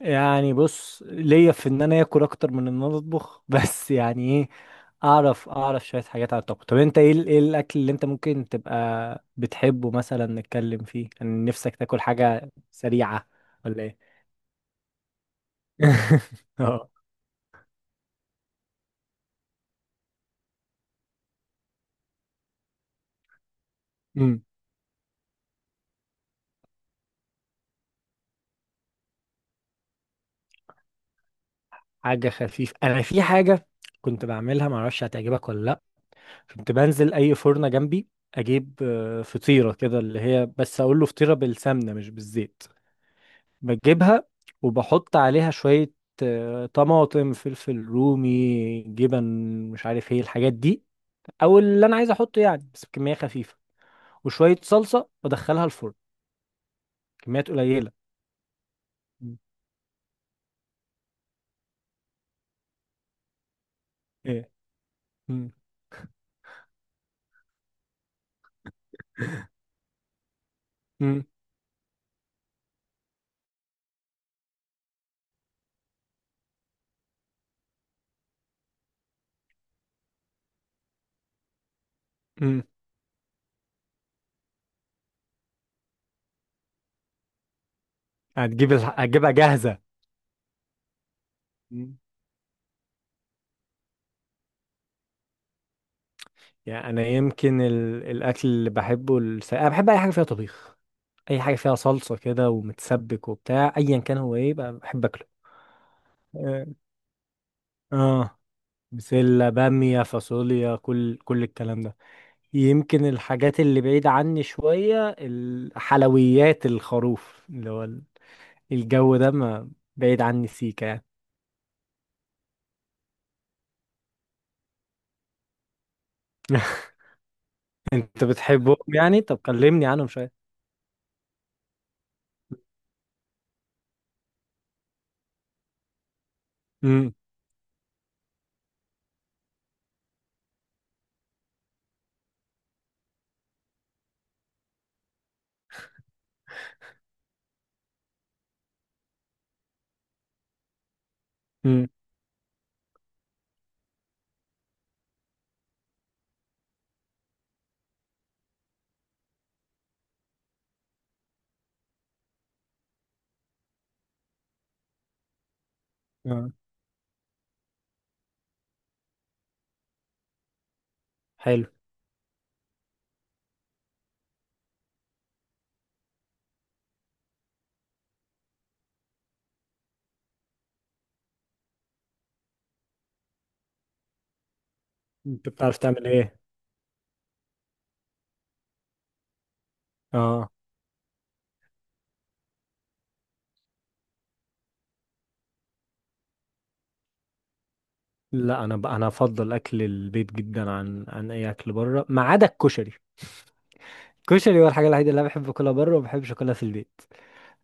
يعني بص ليا في ان انا اكل اكتر من ان انا اطبخ بس يعني ايه، اعرف شويه حاجات على الطبخ. طب انت ايه الاكل اللي انت ممكن تبقى بتحبه، مثلا نتكلم فيه؟ كان نفسك تاكل حاجه سريعه ولا ايه؟ اه. أمم. حاجه خفيفه، انا في حاجه كنت بعملها، معرفش هتعجبك ولا لا. كنت بنزل اي فرنه جنبي، اجيب فطيره كده، اللي هي بس اقول له فطيره بالسمنه مش بالزيت، بجيبها وبحط عليها شوية طماطم، فلفل رومي، جبن، مش عارف ايه الحاجات دي، او اللي انا عايز احطه يعني، بس بكمية خفيفة، وشوية صلصة وادخلها الفرن. كميات قليلة. مم. ايه. مم. مم. مم. هتجيبها جاهزة؟ مم. يعني انا يمكن الاكل اللي بحبه، انا بحب اي حاجة فيها طبيخ، اي حاجة فيها صلصة كده ومتسبك وبتاع. ايا كان، هو ايه بقى بحب اكله؟ اه. آه. بسلة، بامية، فاصوليا، كل الكلام ده. يمكن الحاجات اللي بعيد عني شوية الحلويات، الخروف اللي هو ال- الجو ده ما بعيد عني سيكا يعني. انت بتحبهم يعني؟ طب كلمني عنهم شوية. امم. امم. اه. حلو. انت بتعرف تعمل ايه؟ اه. لا، انا افضل اكل البيت جدا عن اي اكل بره ما عدا الكشري. الكشري هو الحاجة الوحيدة اللي انا بحب اكلها بره وما بحبش اكلها في البيت.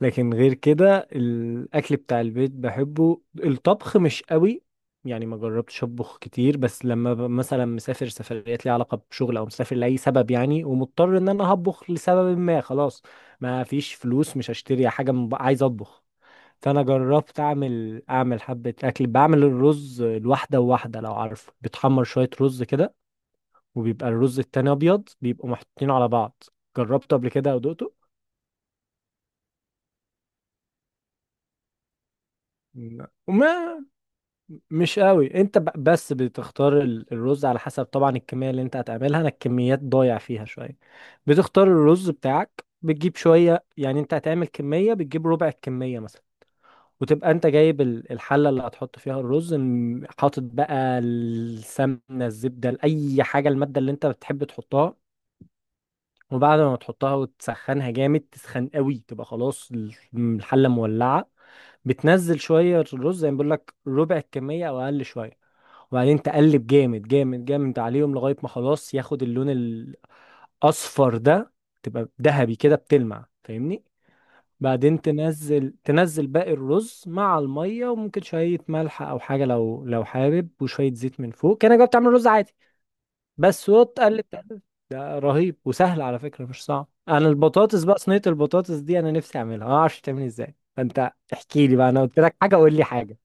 لكن غير كده الاكل بتاع البيت بحبه. الطبخ مش قوي، يعني ما جربتش اطبخ كتير، بس لما مثلا مسافر سفريات ليها علاقه بشغل او مسافر لاي سبب يعني، ومضطر ان انا هطبخ لسبب ما، خلاص ما فيش فلوس، مش هشتري حاجه عايز اطبخ. فانا جربت اعمل حبه اكل، بعمل الرز الواحده وواحده، لو عارفه، بتحمر شويه رز كده وبيبقى الرز التاني ابيض، بيبقوا محطوطين على بعض. جربته قبل كده او دقته؟ لا. وما مش قوي. انت بس بتختار الرز على حسب طبعا الكميه اللي انت هتعملها، انا الكميات ضايع فيها شويه. بتختار الرز بتاعك، بتجيب شويه، يعني انت هتعمل كميه بتجيب ربع الكميه مثلا، وتبقى انت جايب الحله اللي هتحط فيها الرز حاطط بقى السمنه، الزبده، اي حاجه، الماده اللي انت بتحب تحطها. وبعد ما تحطها وتسخنها جامد، تسخن قوي، تبقى خلاص الحله مولعه، بتنزل شويه الرز زي ما بقول لك، ربع الكميه او اقل شويه، وبعدين تقلب جامد جامد جامد عليهم لغاية ما خلاص ياخد اللون الأصفر ده، تبقى ذهبي كده بتلمع. فاهمني؟ بعدين تنزل باقي الرز مع المية، وممكن شوية ملح أو حاجة لو حابب، وشوية زيت من فوق، كأنك بقى بتعمل رز عادي بس، وتقلب تقلب. ده رهيب وسهل على فكرة، مش صعب. أنا البطاطس بقى، صينية البطاطس دي أنا نفسي أعملها، أنا معرفش تعمل إيه إزاي، فأنت احكي لي بقى، أنا قلت لك حاجة قول لي حاجة.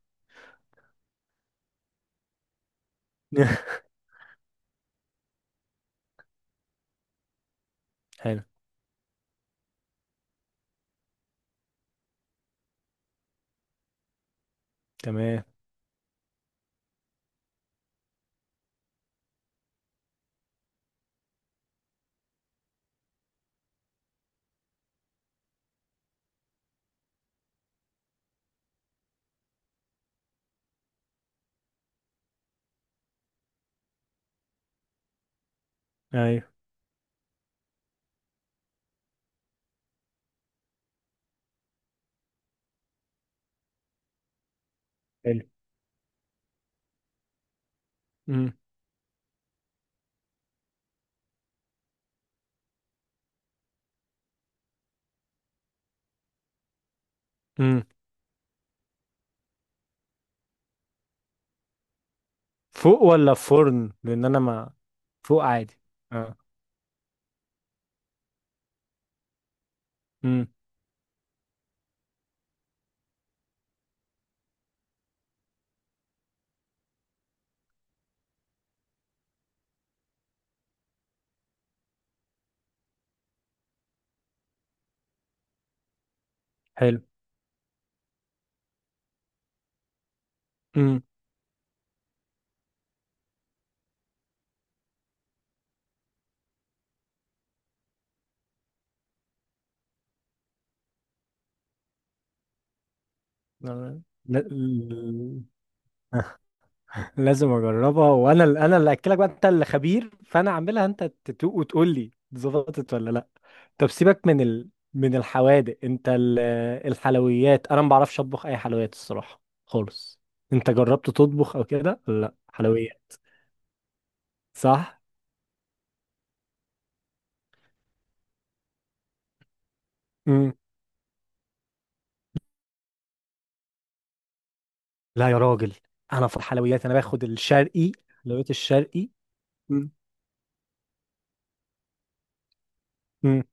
حلو. تمام. أيوه. حلو. امم. فوق ولا في فرن؟ لان انا ما... فوق عادي. اه. امم. حلو. امم. لا- لا- لازم اجربها، وانا انا اللي اكلك بقى، انت اللي خبير، فانا اعملها انت تدوق وتقول لي ظبطت ولا لا. طب سيبك من من الحوادق، انت الحلويات، انا ما بعرفش اطبخ اي حلويات الصراحه خالص. انت جربت تطبخ او كده لا حلويات؟ صح. امم. لا يا راجل، انا في الحلويات انا باخد الشرقي، حلويات الشرقي. مم.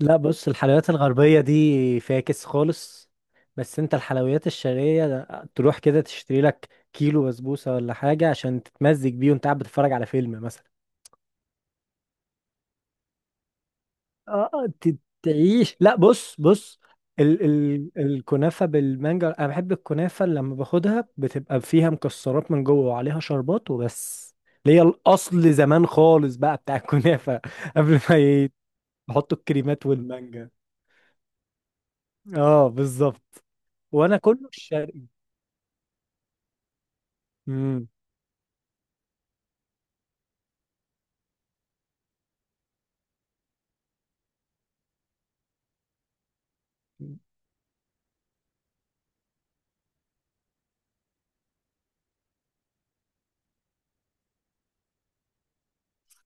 لا بص، الحلويات الغربية دي فاكس خالص، بس انت الحلويات الشرقية تروح كده تشتري لك كيلو بسبوسة ولا حاجة عشان تتمزج بيه وانت قاعد بتتفرج على فيلم مثلا. اه. تعيش. لا بص بص، ال الكنافة بالمانجا، انا بحب الكنافة اللي لما باخدها بتبقى فيها مكسرات من جوه وعليها شربات وبس، اللي هي الاصل زمان خالص بقى بتاع الكنافة قبل ما يحطوا الكريمات والمانجا. اه بالظبط. وانا كله الشرقي. امم.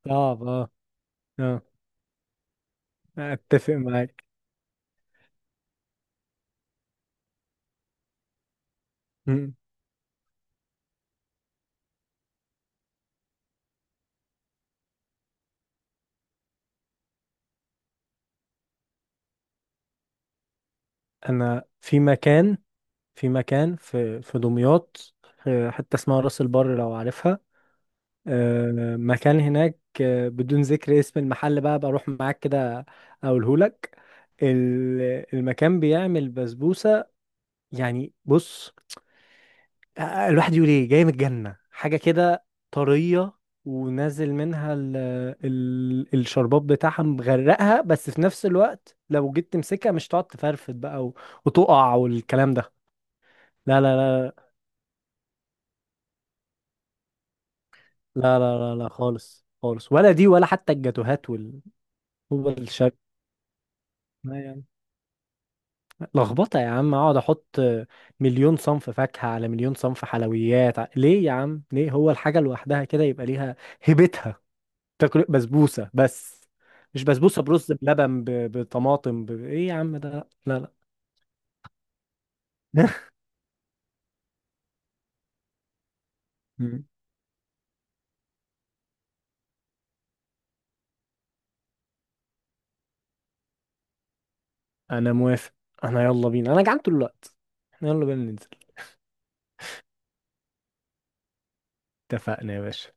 صعب اه. اه. اتفق معاك. مم. انا في مكان، في دمياط، في حته اسمها راس البر لو عارفها، مكان هناك بدون ذكر اسم المحل بقى، بروح معاك كده اقوله لك. المكان بيعمل بسبوسه، يعني بص، الواحد يقول ايه جاي من الجنة حاجة كده، طرية، ونازل منها ال الشرباب بتاعها مغرقها، بس في نفس الوقت لو جيت تمسكها مش تقعد تفرفد بقى وتقع والكلام ده. لا لا لا لا لا لا لا، خالص خالص، ولا دي ولا حتى الجاتوهات هو الشك، لا يعني، لخبطة يا عم. اقعد احط مليون صنف فاكهة على مليون صنف حلويات؟ ليه يا عم ليه؟ هو الحاجة لوحدها كده يبقى ليها هيبتها. تاكل بسبوسه بس، مش بسبوسه برز بلبن بطماطم ايه يا عم ده. لا لا لا. مم. انا موافق، انا يلا بينا، انا جعان طول الوقت. احنا يلا بينا ننزل. اتفقنا يا باشا.